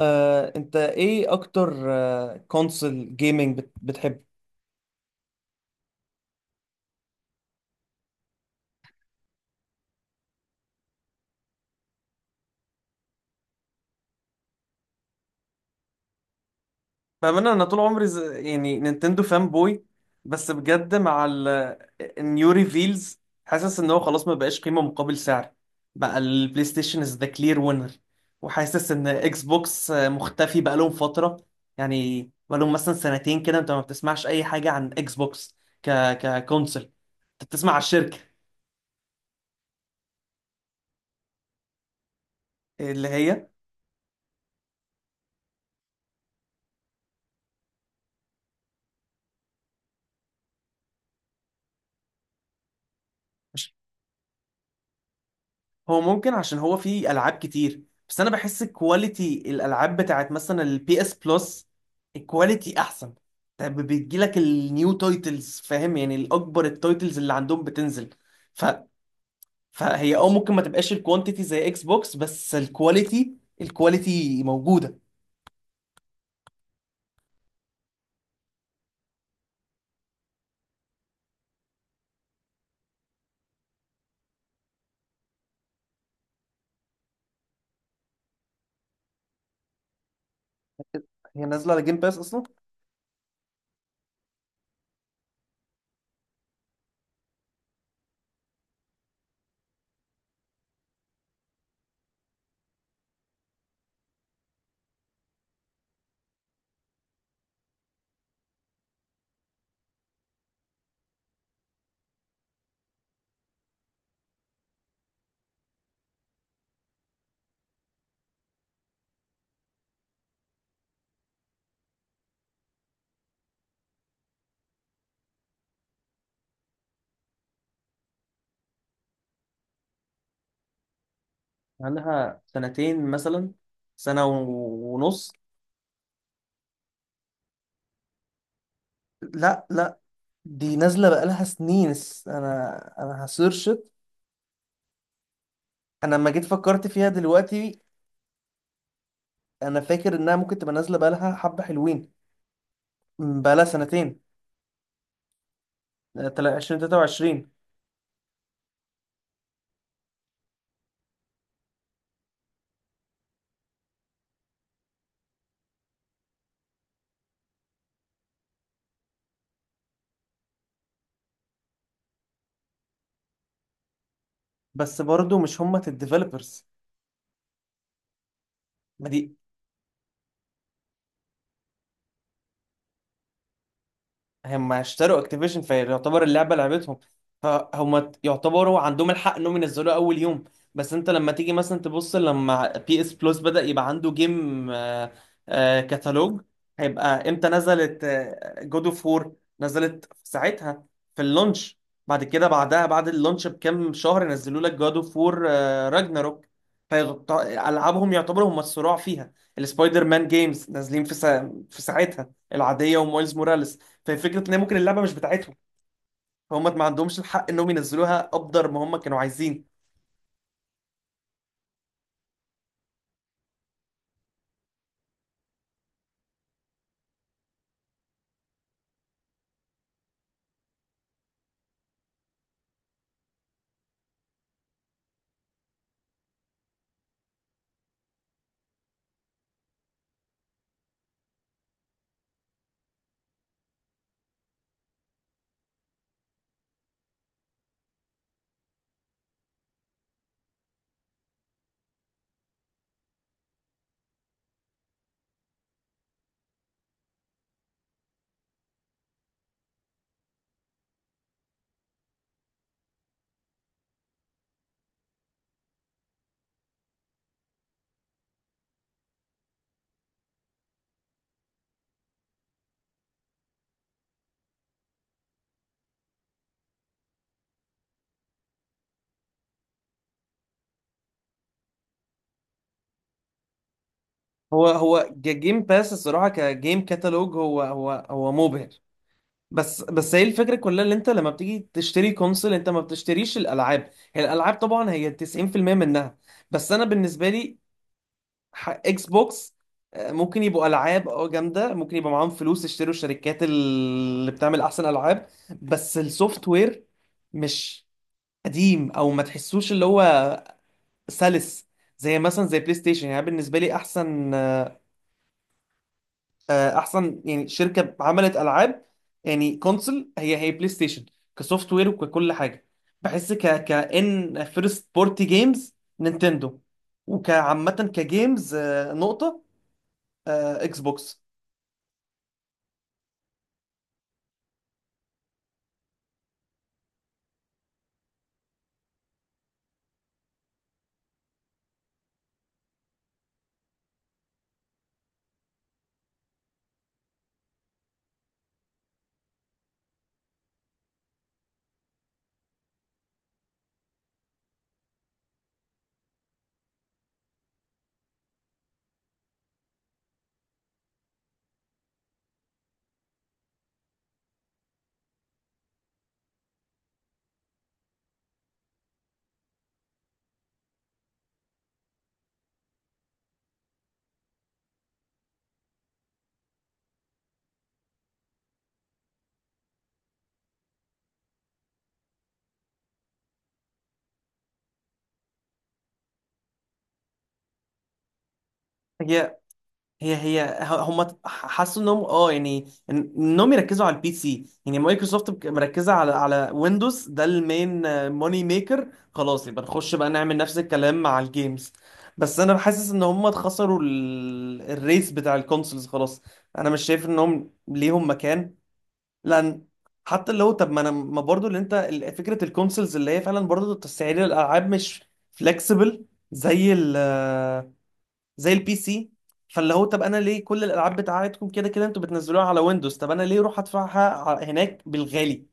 انت ايه اكتر كونسول جيمنج بتحب؟ بأمانة أنا طول عمري يعني نينتندو فان بوي، بس بجد مع النيو ريفيلز حاسس إن هو خلاص ما بقاش قيمة مقابل سعر. بقى البلاي ستيشن از ذا كلير وينر، وحاسس إن إكس بوكس مختفي بقالهم فترة. يعني بقالهم مثلا سنتين كده أنت ما بتسمعش أي حاجة عن إكس بوكس ك ككونسل، أنت بتسمع على الشركة اللي هي. هو ممكن عشان هو فيه العاب كتير، بس انا بحس كواليتي الالعاب بتاعت مثلا البي اس بلس الكواليتي احسن. طب بتجيلك النيو تايتلز، فاهم؟ يعني الاكبر، التايتلز اللي عندهم بتنزل، ف... فهي اه ممكن ما تبقاش الكوانتيتي زي اكس بوكس، بس الكواليتي الكواليتي موجودة. هي نازلة على جيم باس اصلا. عندها سنتين مثلا، سنة ونص. لا لا، دي نازلة بقالها سنين، انا هسيرش. انا لما جيت فكرت فيها دلوقتي، انا فاكر انها ممكن تبقى نازله بقالها حبه حلوين. بقالها سنتين. 2023. بس برضو مش هما الديفلوبرز. ما دي هم اشتروا اكتيفيجن، فيعتبر اللعبه لعبتهم، فهم يعتبروا عندهم الحق انهم ينزلوها اول يوم. بس انت لما تيجي مثلا تبص، لما بي اس بلس بدأ يبقى عنده جيم آه، آه، كتالوج، هيبقى امتى نزلت؟ جود اوف وور نزلت في ساعتها في اللونش. بعد كده، بعد اللونش بكام شهر نزلوا لك جود اوف وور راجناروك. فالعابهم يعتبروا هم الصراع فيها. السبايدر مان جيمز نازلين في في ساعتها العاديه، ومايلز موراليس. ففكره ان هي ممكن اللعبه مش بتاعتهم، فهم ما عندهمش الحق انهم ينزلوها ابدر ما هم كانوا عايزين. هو جيم باس الصراحه كجيم كتالوج هو مبهر. بس هي الفكره كلها، اللي انت لما بتيجي تشتري كونسول انت ما بتشتريش الالعاب، هي الالعاب طبعا هي 90% منها. بس انا بالنسبه لي، اكس بوكس ممكن يبقوا العاب اه جامده، ممكن يبقى معاهم فلوس يشتروا الشركات اللي بتعمل احسن العاب، بس السوفت وير مش قديم او ما تحسوش اللي هو سلس زي مثلا زي بلاي ستيشن. يعني أنا بالنسبه لي احسن، احسن يعني شركه عملت العاب، يعني كونسول، هي بلاي ستيشن كسوفت وير وككل حاجه. بحس ك كان فيرست بورتي جيمز نينتندو، وكعامه كجيمز نقطه، اكس بوكس. هي هم حسوا انهم اه يعني انهم يركزوا على البي سي، يعني مايكروسوفت مركزه على على ويندوز ده المين موني ميكر، خلاص يبقى نخش بقى نعمل نفس الكلام مع الجيمز. بس انا حاسس ان هم اتخسروا الريس بتاع الكونسولز خلاص، انا مش شايف انهم ليهم مكان. لان حتى لو، طب ما انا ما برضو اللي انت فكره الكونسولز اللي هي فعلا برضو تسعير الالعاب مش فلكسبل زي زي البي سي. فاللي هو طب انا ليه كل الالعاب بتاعتكم كده كده انتوا بتنزلوها على ويندوز، طب انا ليه اروح هناك بالغالي؟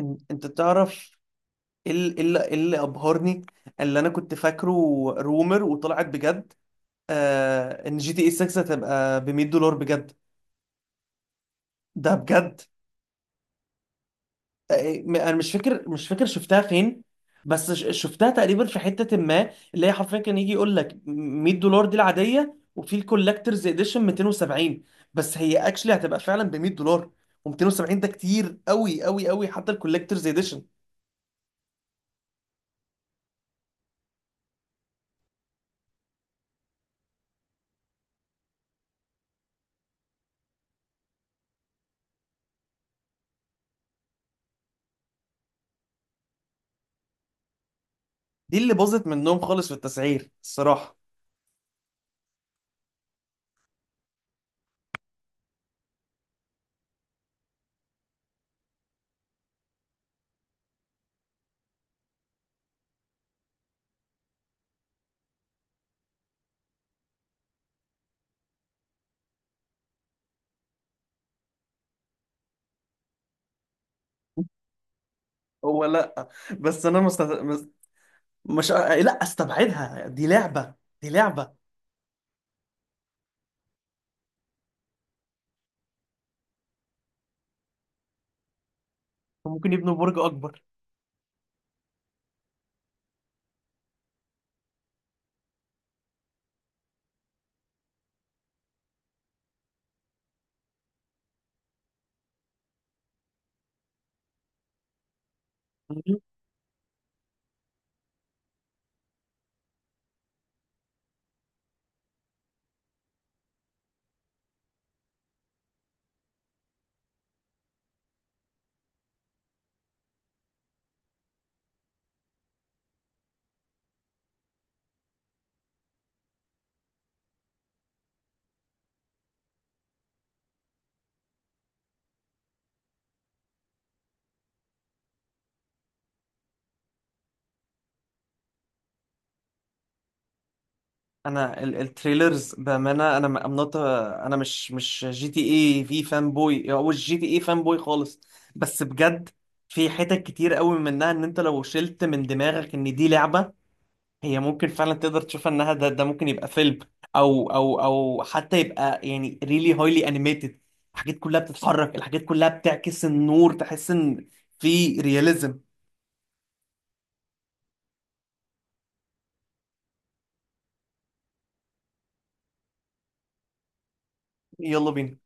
انت تعرف، ايه ال- إيه ال- إيه اللي ابهرني، اللي انا كنت فاكره رومر وطلعت بجد؟ آه، ان جي تي اي 6 هتبقى ب $100 بجد. ده بجد. انا مش فاكر، مش فاكر شفتها فين، بس شفتها تقريبا في حتة ما اللي هي حرفيا كان يجي يقول لك $100 دي العادية، وفي الكولكترز اديشن 270. بس هي اكشلي هتبقى فعلا ب $100، و270 ده كتير قوي قوي قوي حتى الكولكترز اديشن. دي اللي باظت منهم خالص في التسعير الصراحة. هو لا، بس انا مش لا استبعدها، دي لعبة. دي لعبة. ممكن يبنوا برج اكبر. انا التريلرز بامانه، انا I'm not a- انا مش مش جي تي اي في فان بوي او مش جي تي اي فان بوي خالص، بس بجد في حتت كتير قوي منها ان انت لو شلت من دماغك ان دي لعبه، هي ممكن فعلا تقدر تشوفها انها ده, ده ممكن يبقى فيلم او او حتى يبقى يعني ريلي هايلي انيميتد. الحاجات كلها بتتحرك، الحاجات كلها بتعكس النور، تحس ان في رياليزم. يلا بينا.